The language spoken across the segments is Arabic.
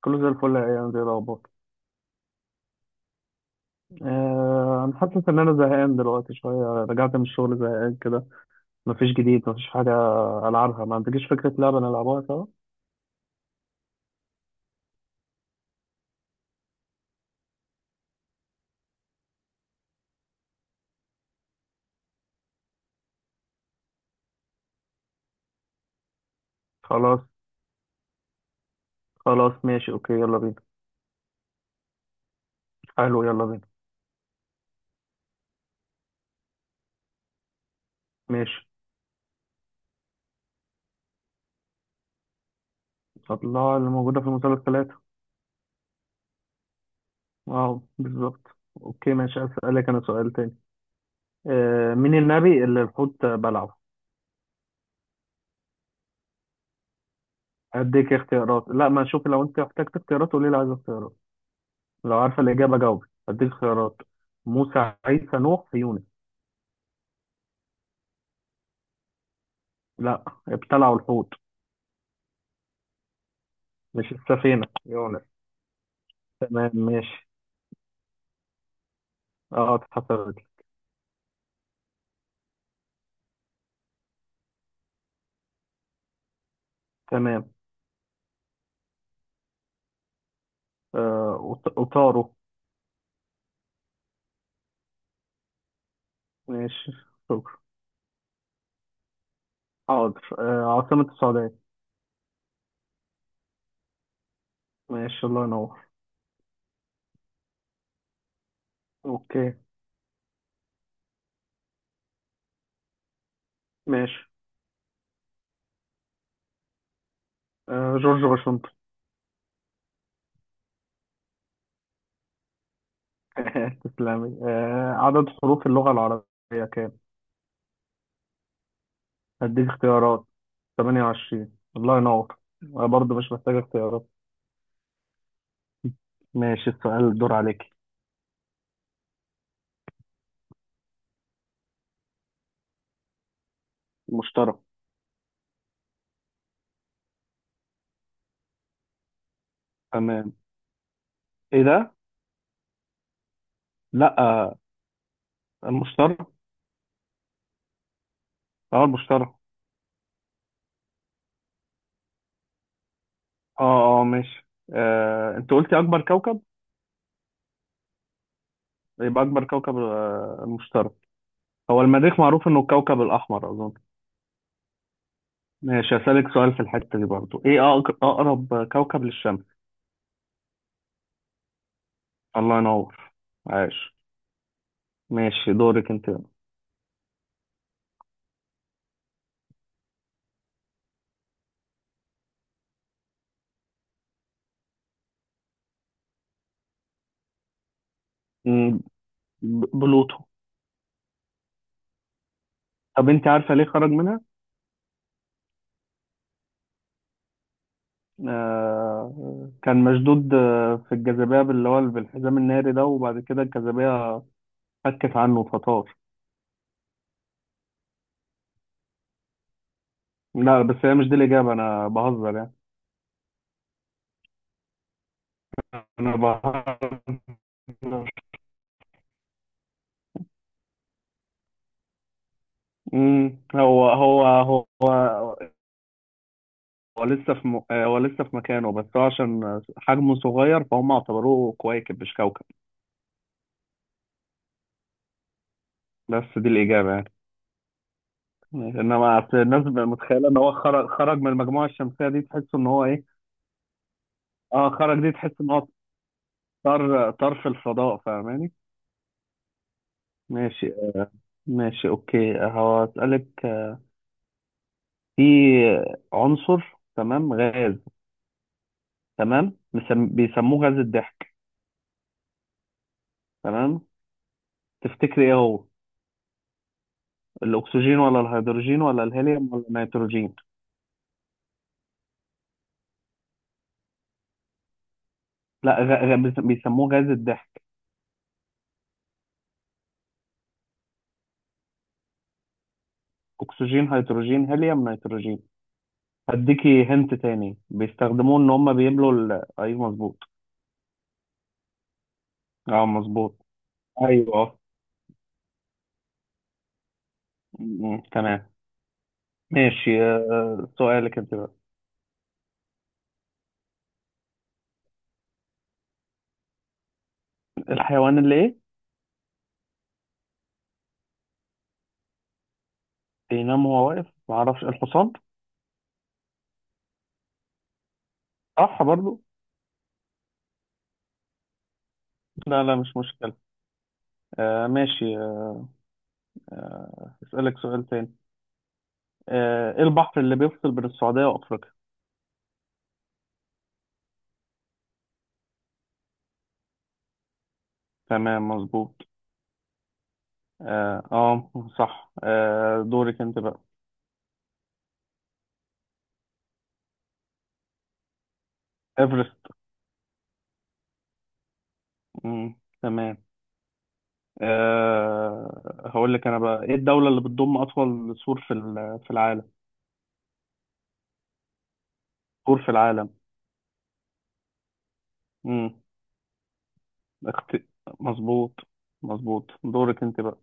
كله زي الفل، يا ايام زي الاخبار. انا حاسس ان انا زهقان دلوقتي شويه، رجعت من الشغل زهقان كده. مفيش جديد، مفيش حاجه. العبها، ما عندكيش فكره لعبه نلعبها سوا؟ خلاص، خلاص، ماشي، اوكي، يلا بينا. حلو، يلا بينا. ماشي، الله اللي موجوده في المسلسلات. اه، بالظبط. اوكي ماشي، اسالك انا سؤال تاني. مين النبي اللي الحوت بلعه؟ اديك اختيارات؟ لا، ما شوفي، لو انت احتجت اختيارات قولي لي عايز اختيارات. لو عارفه الاجابه جاوبي، اديك اختيارات. موسى، عيسى، نوح، يونس. لا، ابتلعوا الحوت. مش السفينة يونس. تمام، ماشي. اه، اتحسبت لي. تمام. وطاروا. ماشي. شكرا. حاضر. عاصمة السعودية؟ ماشي، الله ينور. اوكي، ماشي. جورج واشنطن. تسلمي. عدد حروف اللغة العربية كام؟ هديك اختيارات. 28، الله ينور. أنا برضه مش محتاج اختيارات. ماشي، السؤال الدور عليك. المشترك. تمام. ايه ده؟ لا، المشترك. اه، المشترك. اه، اه، ماشي. آه، انت قلتي اكبر كوكب. يبقى اكبر كوكب المشترك. هو المريخ، معروف انه الكوكب الاحمر اظن. ماشي، هسألك سؤال في الحتة دي برضو. ايه اقرب كوكب للشمس؟ الله ينور. عاش. ماشي، دورك انت. مم، بلوتو. طب انت عارفة ليه خرج منها؟ كان مشدود في الجاذبية، اللي هو بالحزام الناري ده، وبعد كده الجاذبية فكت عنه فطار. لا، بس هي مش دي الإجابة، أنا بهزر يعني. انا بحر. امم هو هو هو هو لسه في مكانه، بس هو عشان حجمه صغير فهم اعتبروه كويكب مش كوكب. بس دي الإجابة يعني. انما أصل الناس بتبقى متخيلة ان هو خرج خرج من المجموعة الشمسية، دي تحس ان هو ايه. اه، خرج، دي تحس ان هو طار طار في الفضاء، فاهماني؟ ماشي. ماشي اوكي، هسألك. في عنصر، تمام، غاز، تمام، بيسموه غاز الضحك. تمام. تفتكري ايه هو؟ الاكسجين، ولا الهيدروجين، ولا الهيليوم، ولا النيتروجين؟ لا، بيسموه غاز الضحك. اكسجين، هيدروجين، هيليوم، نيتروجين. هديكي هنت تاني، بيستخدموه ان هم بيملوا ايوه مظبوط. اه، مظبوط. ايوه. تمام. ماشي، سؤالك انت بقى. الحيوان اللي ايه؟ بينام وهو واقف؟ معرفش، الحصان. صح برضو. لا، لا، مش مشكلة. ماشي. اسألك سؤال تاني. ايه البحر اللي بيفصل بين السعودية وافريقيا؟ تمام، مظبوط. اه، صح. دورك انت بقى. ايفرست. مم، تمام. هقول لك انا بقى. ايه الدولة اللي بتضم اطول سور في في العالم؟ سور في العالم. امم اخت... مظبوط، مظبوط. دورك انت بقى.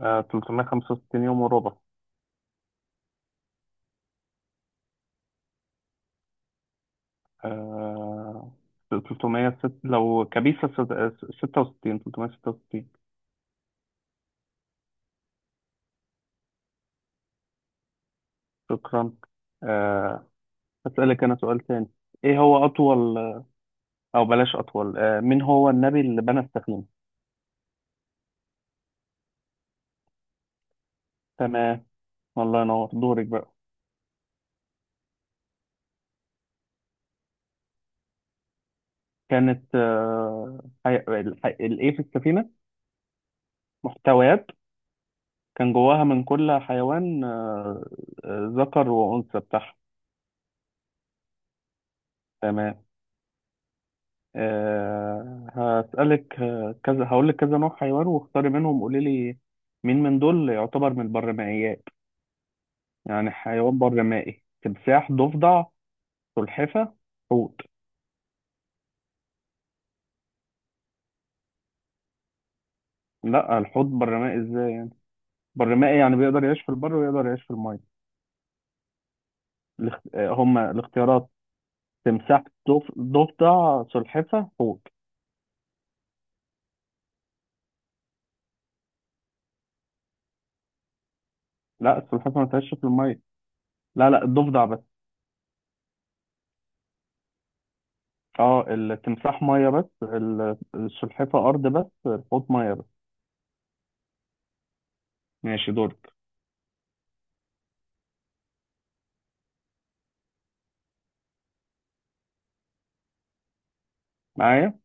365 يوم وربع. آه 300 ست... لو كبيسة ست... 66 366. شكرا. آه هسألك انا سؤال تاني. ايه هو اطول، او بلاش اطول، مين هو النبي اللي بنى السفينه؟ تمام. الله ينور، دورك بقى. كانت الايه في السفينه؟ محتويات؟ كان جواها من كل حيوان ذكر وانثى بتاعها. تمام. هسألك كذا، هقول لك كذا نوع حيوان واختاري منهم قولي لي، مين من دول يعتبر من البرمائيات. يعني حيوان برمائي: تمساح، ضفدع، سلحفة، حوت. لا، الحوت برمائي ازاي؟ برمائي يعني بيقدر يعيش في البر، ويقدر يعيش في الماء. هما الاختيارات. تمساح، ضفدع، سلحفة، حوت. لا، السلحفة ما تعيش في الماء. لا، لا، الضفدع بس. اه، التمساح مية بس، السلحفة أرض بس، الحوت مية بس. ماشي، دورك. معايا.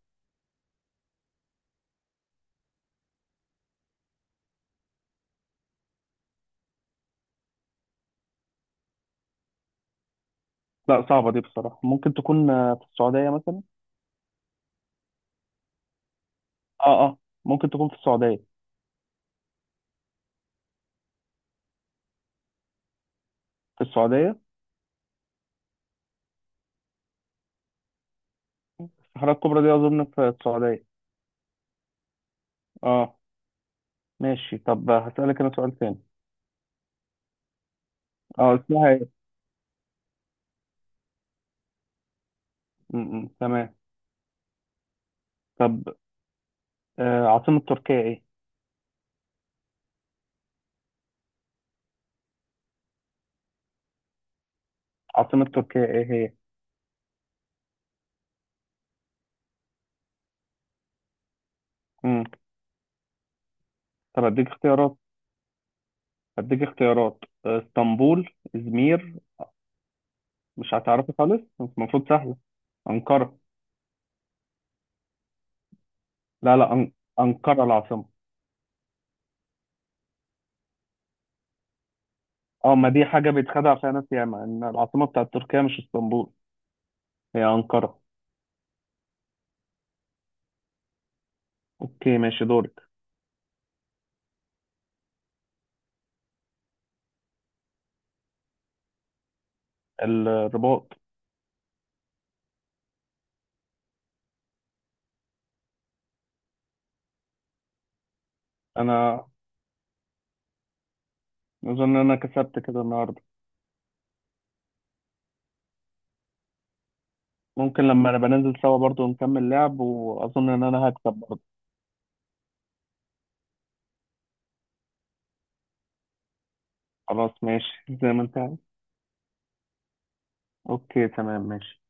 لا، صعبة دي بصراحة، ممكن تكون في السعودية مثلا. اه، اه. ممكن تكون في السعودية. في السعودية. الصحراء الكبرى دي أظن في السعودية. اه. ماشي، طب هسألك أنا سؤال تاني. اه، اسمها ايه؟ م- م، تمام. طب، عاصمة تركيا ايه؟ عاصمة تركيا ايه هي؟ مم. طب اديك اختيارات. اديك اختيارات. اسطنبول، ازمير. مش هتعرفي خالص، بس المفروض سهلة. أنقرة. لا، لا، أنقرة العاصمة. اه، ما دي حاجة بيتخدع فيها ناس ياما، ان العاصمة بتاعت تركيا مش اسطنبول، هي أنقرة. اوكي، ماشي، دورك. الرباط. انا اظن ان انا كسبت كده النهارده. ممكن لما نبقى ننزل سوا برضو نكمل لعب، واظن ان انا هكسب برضو. خلاص، ماشي. زي ما انت عايز. اوكي، تمام، ماشي.